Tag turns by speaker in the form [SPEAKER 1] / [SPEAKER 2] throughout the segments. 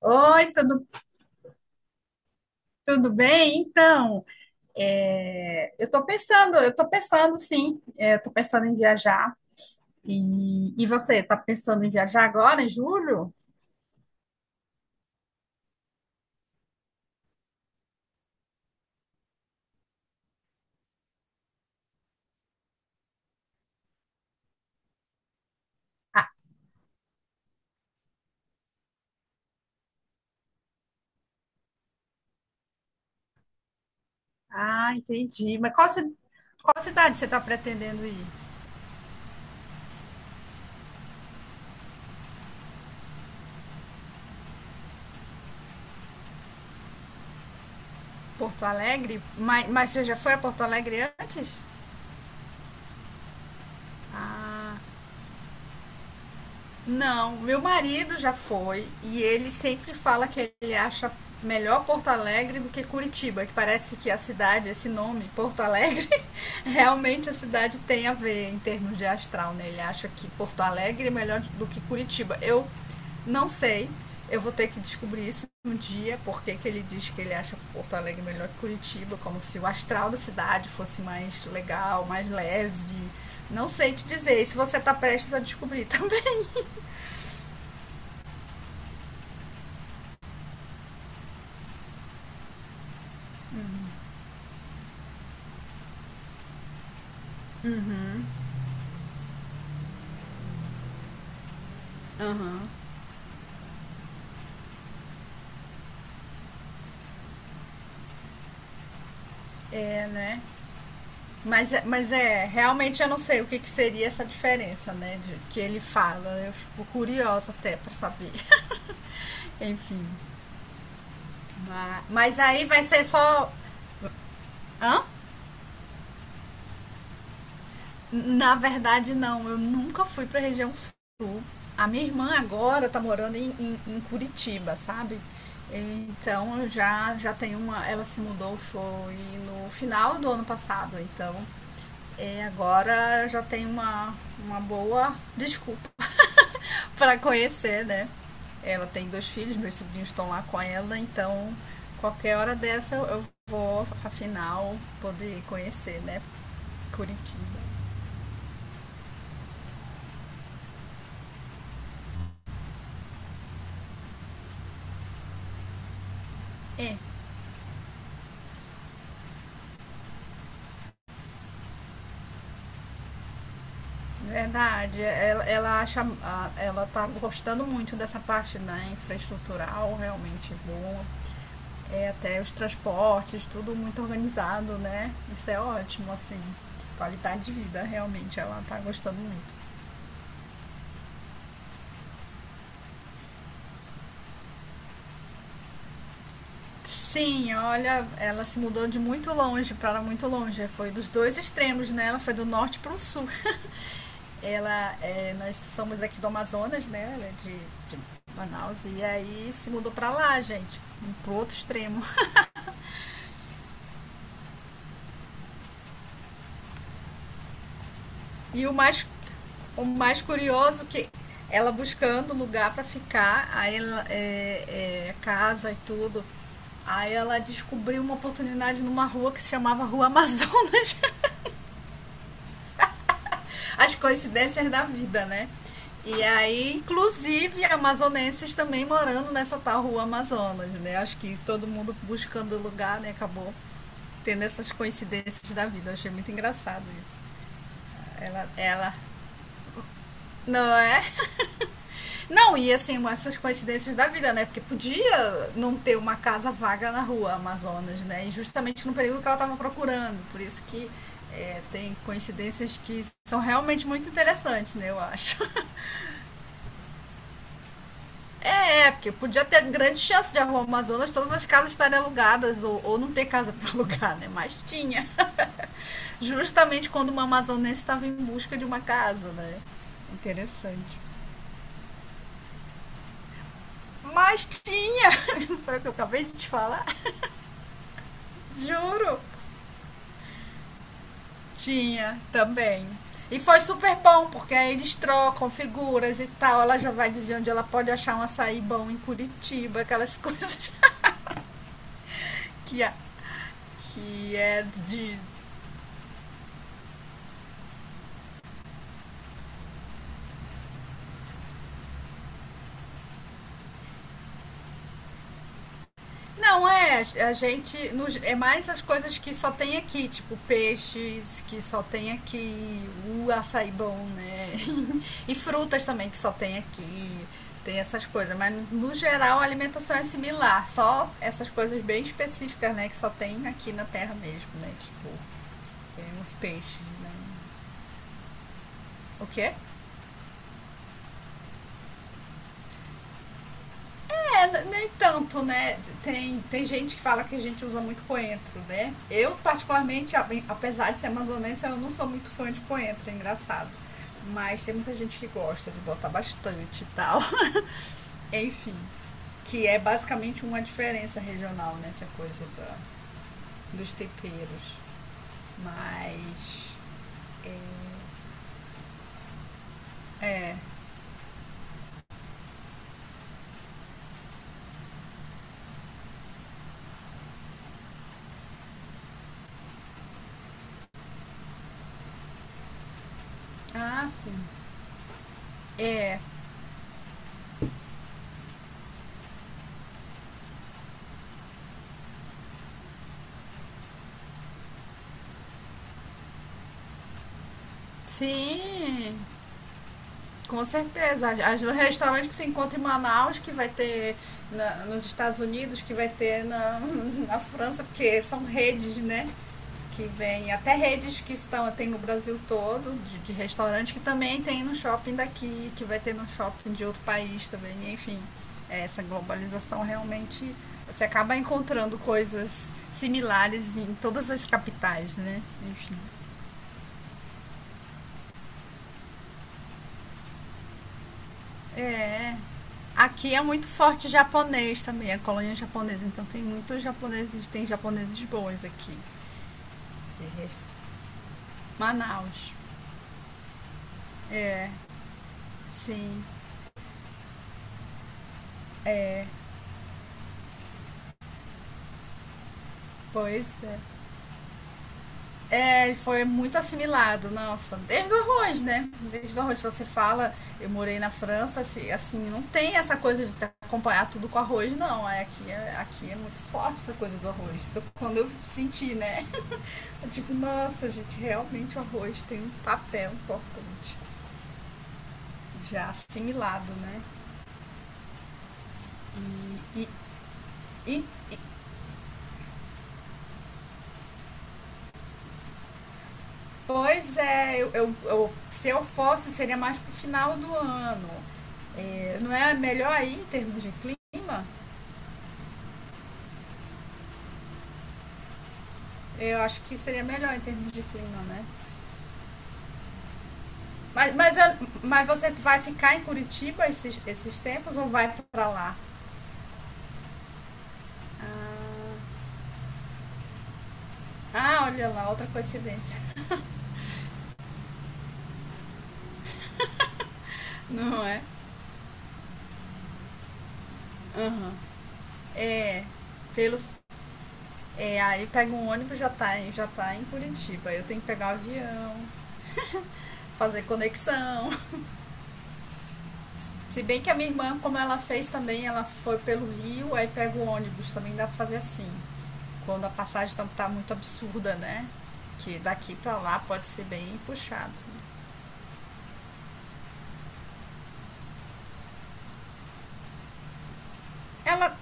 [SPEAKER 1] Oi, tudo bem? Eu estou pensando eu estou pensando em viajar. E, você, está pensando em viajar agora, em julho? Ah, entendi. Qual cidade você está pretendendo ir? Porto Alegre? Mas você já foi a Porto Alegre antes? Ah, não, meu marido já foi e ele sempre fala que ele acha melhor Porto Alegre do que Curitiba, que parece que a cidade, esse nome, Porto Alegre. Realmente a cidade tem a ver em termos de astral, né? Ele acha que Porto Alegre é melhor do que Curitiba. Eu não sei, eu vou ter que descobrir isso um dia, porque que ele diz que ele acha Porto Alegre melhor que Curitiba, como se o astral da cidade fosse mais legal, mais leve. Não sei te dizer, e se você tá prestes a descobrir também. Aham. É, né? Mas é, realmente eu não sei o que, que seria essa diferença, né? De, que ele fala. Eu fico curiosa até pra saber. Enfim. Vai. Mas aí vai ser só. Hã? Na verdade, não. Eu nunca fui pra região sul. A minha irmã agora tá morando em Curitiba, sabe? Então eu já tem uma. Ela se mudou, foi no final do ano passado. Então agora eu já tem uma boa desculpa para conhecer, né? Ela tem dois filhos, meus sobrinhos estão lá com ela, então qualquer hora dessa eu vou, afinal, poder conhecer, né? Curitiba. É, verdade. Ela acha, ela tá gostando muito dessa parte da infraestrutural, realmente boa. É, até os transportes, tudo muito organizado, né? Isso é ótimo, assim. Qualidade de vida, realmente, ela tá gostando muito. Sim, olha, ela se mudou de muito longe para muito longe. Foi dos dois extremos, né? Ela foi do norte para o sul. Nós somos aqui do Amazonas, né? Ela é de Manaus. E aí se mudou para lá, gente, pro outro extremo. E o mais, o mais curioso que ela buscando lugar para ficar, aí ela, é, é, casa e tudo. Aí ela descobriu uma oportunidade numa rua que se chamava Rua Amazonas. As coincidências da vida, né? E aí, inclusive, amazonenses também morando nessa tal rua Amazonas, né? Acho que todo mundo buscando lugar, né? Acabou tendo essas coincidências da vida. Eu achei muito engraçado isso. Ela, ela, não é? Não, e assim, essas coincidências da vida, né? Porque podia não ter uma casa vaga na rua Amazonas, né? E justamente no período que ela estava procurando. Por isso que tem coincidências que são realmente muito interessantes, né? Eu acho. Porque podia ter grande chance de arrumar Amazonas, todas as casas estarem alugadas ou não ter casa para alugar, né? Mas tinha. Justamente quando uma amazonense estava em busca de uma casa, né? Interessante. Mas tinha! Não foi o que eu acabei de te falar? Juro! Tinha também. E foi super bom, porque aí eles trocam figuras e tal. Ela já vai dizer onde ela pode achar um açaí bom em Curitiba, aquelas que, que é de. A gente. É mais as coisas que só tem aqui, tipo peixes, que só tem aqui, o açaí bom, né? E frutas também que só tem aqui. Tem essas coisas. Mas no no geral a alimentação é similar. Só essas coisas bem específicas, né? Que só tem aqui na terra mesmo, né? Tipo, tem uns peixes, né? O quê? É, nem tanto, né? Tem gente que fala que a gente usa muito coentro, né? Eu, particularmente, apesar de ser amazonense, eu não sou muito fã de coentro, é engraçado. Mas tem muita gente que gosta de botar bastante e tal. Enfim, que é basicamente uma diferença regional nessa dos temperos. Mas. É. Ah, sim. É. Sim. Com certeza. Os restaurantes que se encontra em Manaus, que vai ter nos Estados Unidos, que vai ter na, na França, porque são redes, né? Que vem até redes que estão, tem no Brasil todo, de restaurante, que também tem no shopping daqui, que vai ter no shopping de outro país também, enfim. Essa globalização realmente você acaba encontrando coisas similares em todas as capitais, né? Enfim. É, aqui é muito forte japonês também, a colônia japonesa. Então tem muitos japoneses, tem japoneses bons aqui. De resto. Manaus. É, sim, é, Pois é. É, ele foi muito assimilado, nossa, desde o arroz, né? Desde o arroz, se você fala, eu morei na França, não tem essa coisa de te acompanhar tudo com arroz, não. Aqui é muito forte essa coisa do arroz. Quando eu senti, né? Eu digo, nossa, gente, realmente o arroz tem um papel importante. Já assimilado, né? E, e, e Pois é, se eu fosse, seria mais pro final do ano. É, não é melhor aí em termos de clima? Eu acho que seria melhor em termos de clima, né? Mas você vai ficar em Curitiba esses tempos ou vai pra lá? Ah, Olha lá, outra coincidência. Não é? Aham. É, pelos. É, aí pega um ônibus já tá, já tá em Curitiba. Eu tenho que pegar o avião. Fazer conexão. Se bem que a minha irmã, como ela fez também, ela foi pelo Rio, aí pega o ônibus, também dá pra fazer assim. Quando a passagem tá muito absurda, né? Que daqui pra lá pode ser bem puxado. Ela,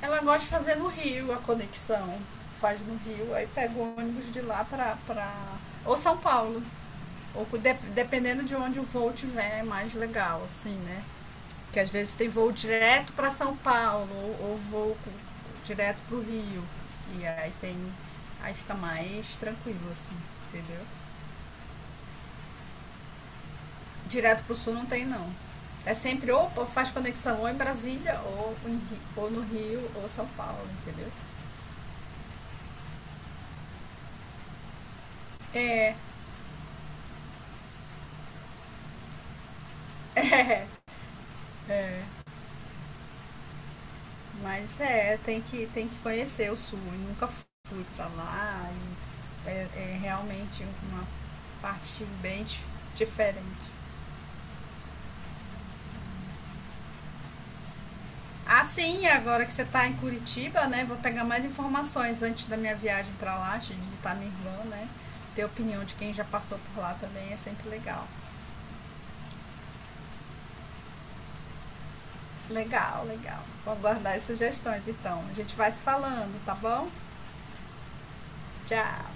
[SPEAKER 1] ela gosta de fazer no Rio a conexão. Faz no Rio, aí pega o ônibus de lá pra. Pra... Ou São Paulo. Dependendo de onde o voo tiver, é mais legal, assim, né? Que às vezes tem voo direto para São Paulo ou direto para o Rio. E aí tem. Aí fica mais tranquilo, assim, entendeu? Direto para o sul não tem não. É sempre ou faz conexão ou em Brasília, ou no Rio, ou São Paulo, entendeu? É, é. Mas é, tem que conhecer o sul. Eu nunca fui para lá. É, é realmente uma parte diferente. Ah, sim, agora que você está em Curitiba, né? Vou pegar mais informações antes da minha viagem para lá, de visitar minha irmã, né? Ter opinião de quem já passou por lá também é sempre legal. Legal, legal. Vou aguardar as sugestões então. A gente vai se falando, tá bom? Tchau!